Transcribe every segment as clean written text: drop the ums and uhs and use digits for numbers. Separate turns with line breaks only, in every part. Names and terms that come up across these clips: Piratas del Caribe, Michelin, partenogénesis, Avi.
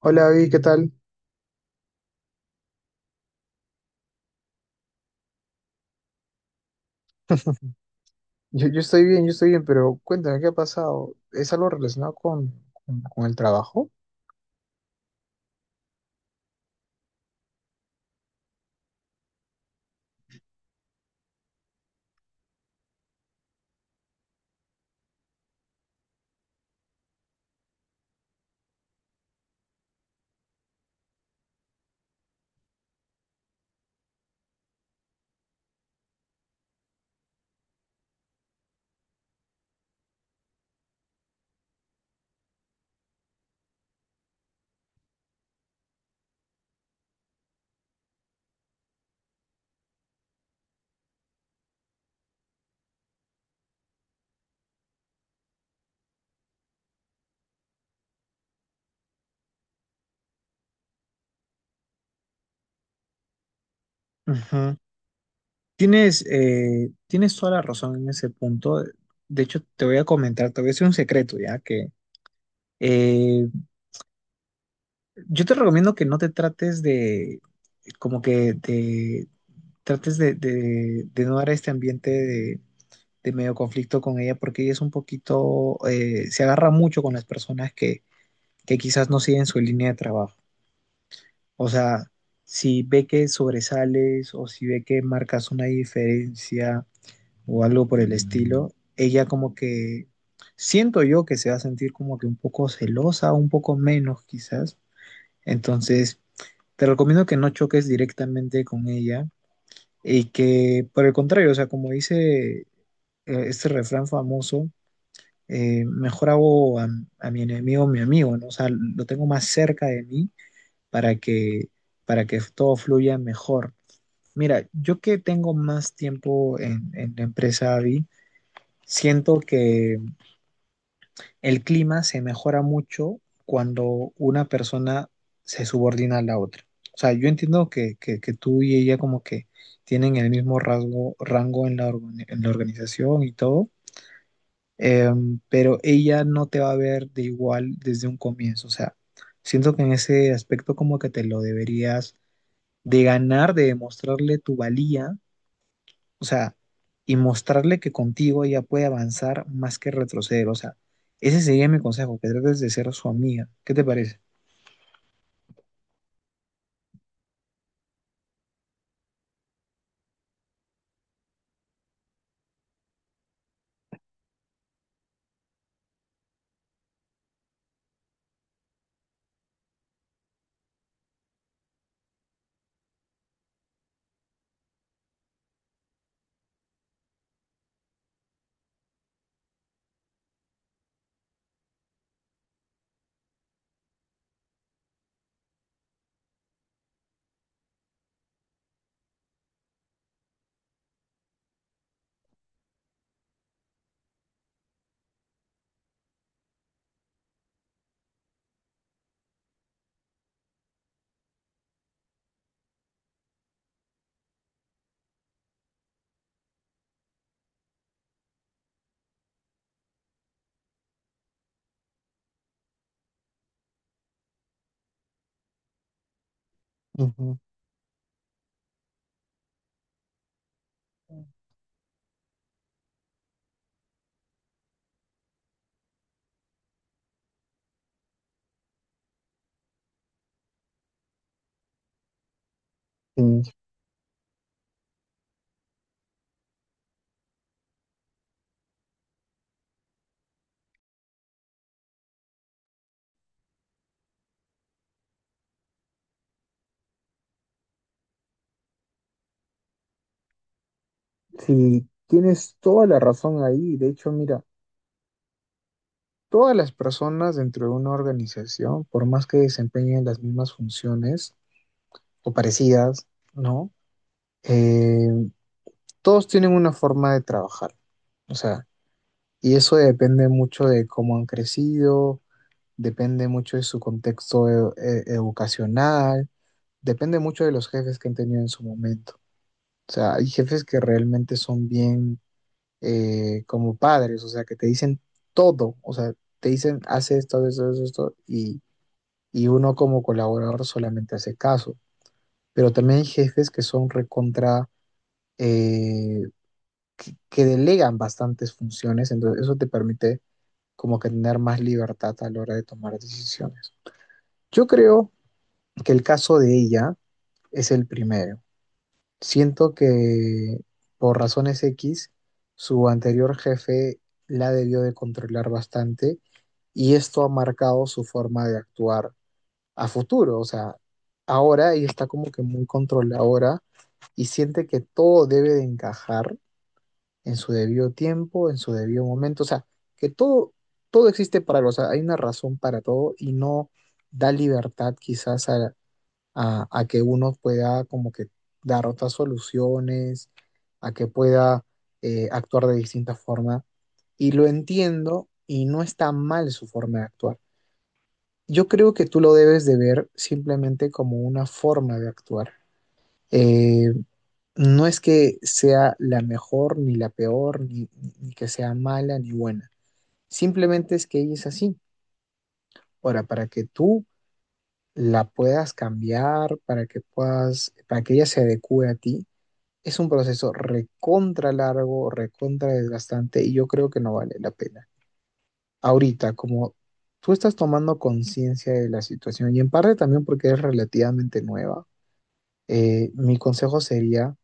Hola, Avi, ¿qué tal? Yo estoy bien, yo estoy bien, pero cuéntame, ¿qué ha pasado? ¿Es algo relacionado con el trabajo? Ujú. Tienes, tienes toda la razón en ese punto. De hecho, te voy a comentar, te voy a decir un secreto, ya que eh, yo te recomiendo que no te trates de, como que de, trates de no dar este ambiente de medio conflicto con ella, porque ella es un poquito, se agarra mucho con las personas que quizás no siguen su línea de trabajo. O sea, si ve que sobresales o si ve que marcas una diferencia o algo por el estilo, ella como que siento yo que se va a sentir como que un poco celosa, un poco menos quizás. Entonces, te recomiendo que no choques directamente con ella y que por el contrario, o sea, como dice este refrán famoso, mejor hago a mi enemigo mi amigo, ¿no? O sea, lo tengo más cerca de mí para que, para que todo fluya mejor. Mira, yo que tengo más tiempo en la empresa AVI, siento que el clima se mejora mucho cuando una persona se subordina a la otra. O sea, yo entiendo que tú y ella como que tienen el mismo rango en la en la organización y todo, eh, pero ella no te va a ver de igual desde un comienzo. O sea, siento que en ese aspecto como que te lo deberías de ganar, de demostrarle tu valía. O sea, y mostrarle que contigo ella puede avanzar más que retroceder. O sea, ese sería mi consejo, que trates de ser su amiga. ¿Qué te parece? Ujú. Sí, sí, tienes toda la razón ahí. De hecho, mira, todas las personas dentro de una organización, por más que desempeñen las mismas funciones o parecidas, ¿no? Eh, todos tienen una forma de trabajar. O sea, y eso depende mucho de cómo han crecido, depende mucho de su contexto educacional, depende mucho de los jefes que han tenido en su momento. O sea, hay jefes que realmente son bien como padres, o sea, que te dicen todo, o sea, te dicen, haz esto, haz esto, haz esto, y uno como colaborador solamente hace caso. Pero también hay jefes que son recontra, eh, que delegan bastantes funciones, entonces eso te permite como que tener más libertad a la hora de tomar decisiones. Yo creo que el caso de ella es el primero. Siento que por razones X, su anterior jefe la debió de controlar bastante y esto ha marcado su forma de actuar a futuro. O sea, ahora ella está como que muy controladora y siente que todo debe de encajar en su debido tiempo, en su debido momento. O sea, que todo, todo existe para algo. O sea, hay una razón para todo y no da libertad quizás a que uno pueda como que dar otras soluciones, a que pueda actuar de distinta forma. Y lo entiendo y no está mal su forma de actuar. Yo creo que tú lo debes de ver simplemente como una forma de actuar. Eh, no es que sea la mejor ni la peor, ni que sea mala ni buena. Simplemente es que ella es así. Ahora, para que tú la puedas cambiar, para que ella se adecue a ti, es un proceso recontra largo, recontra desgastante y yo creo que no vale la pena. Ahorita, como tú estás tomando conciencia de la situación y en parte también porque es relativamente nueva, mi consejo sería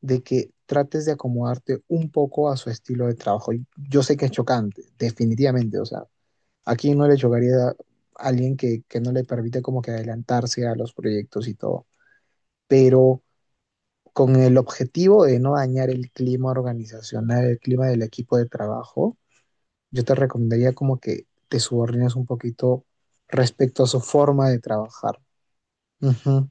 de que trates de acomodarte un poco a su estilo de trabajo. Y yo sé que es chocante, definitivamente, o sea, aquí no le chocaría a alguien que no le permite como que adelantarse a los proyectos y todo, pero con el objetivo de no dañar el clima organizacional, el clima del equipo de trabajo, yo te recomendaría como que te subordines un poquito respecto a su forma de trabajar. Ujú.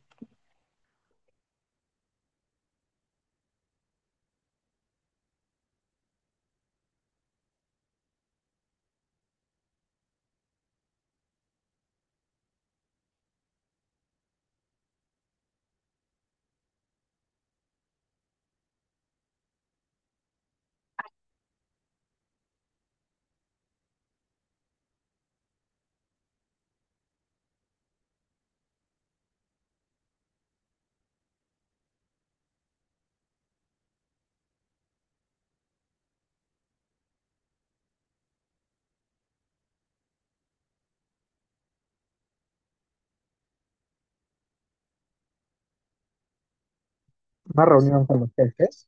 Una reunión con los jefes.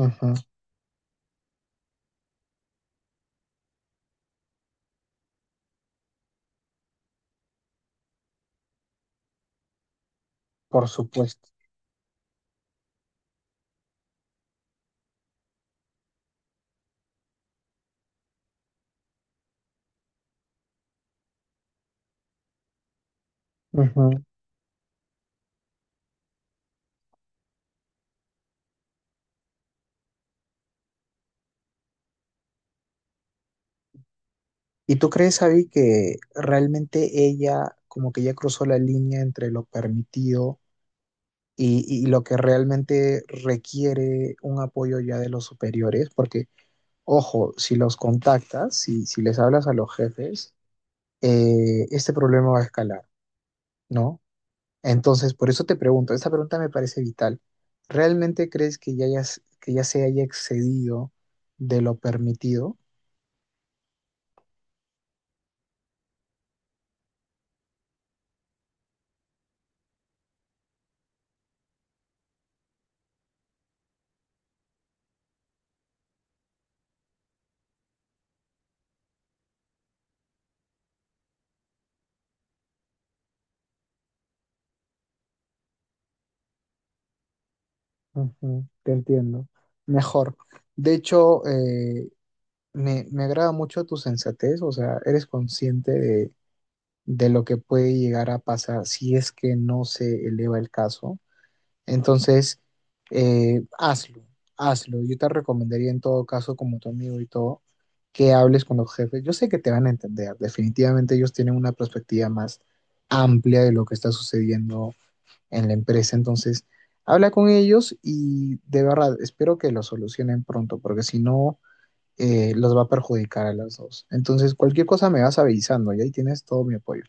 Ujú, por supuesto. Ujú. ¿Y tú crees, Abby, que realmente ella como que ya cruzó la línea entre lo permitido y lo que realmente requiere un apoyo ya de los superiores? Porque ojo, si los contactas, si les hablas a los jefes, este problema va a escalar, ¿no? Entonces, por eso te pregunto, esta pregunta me parece vital. ¿Realmente crees que ya, que ya se haya excedido de lo permitido? Ujú, te entiendo. Mejor. De hecho, me agrada mucho tu sensatez, o sea, eres consciente de lo que puede llegar a pasar si es que no se eleva el caso. Entonces, hazlo, hazlo. Yo te recomendaría en todo caso, como tu amigo y todo, que hables con los jefes. Yo sé que te van a entender. Definitivamente ellos tienen una perspectiva más amplia de lo que está sucediendo en la empresa. Entonces, habla con ellos y de verdad, espero que lo solucionen pronto, porque si no los va a perjudicar a las dos. Entonces, cualquier cosa me vas avisando y ahí tienes todo mi apoyo.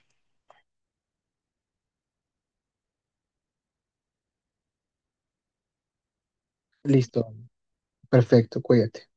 Listo. Perfecto, cuídate.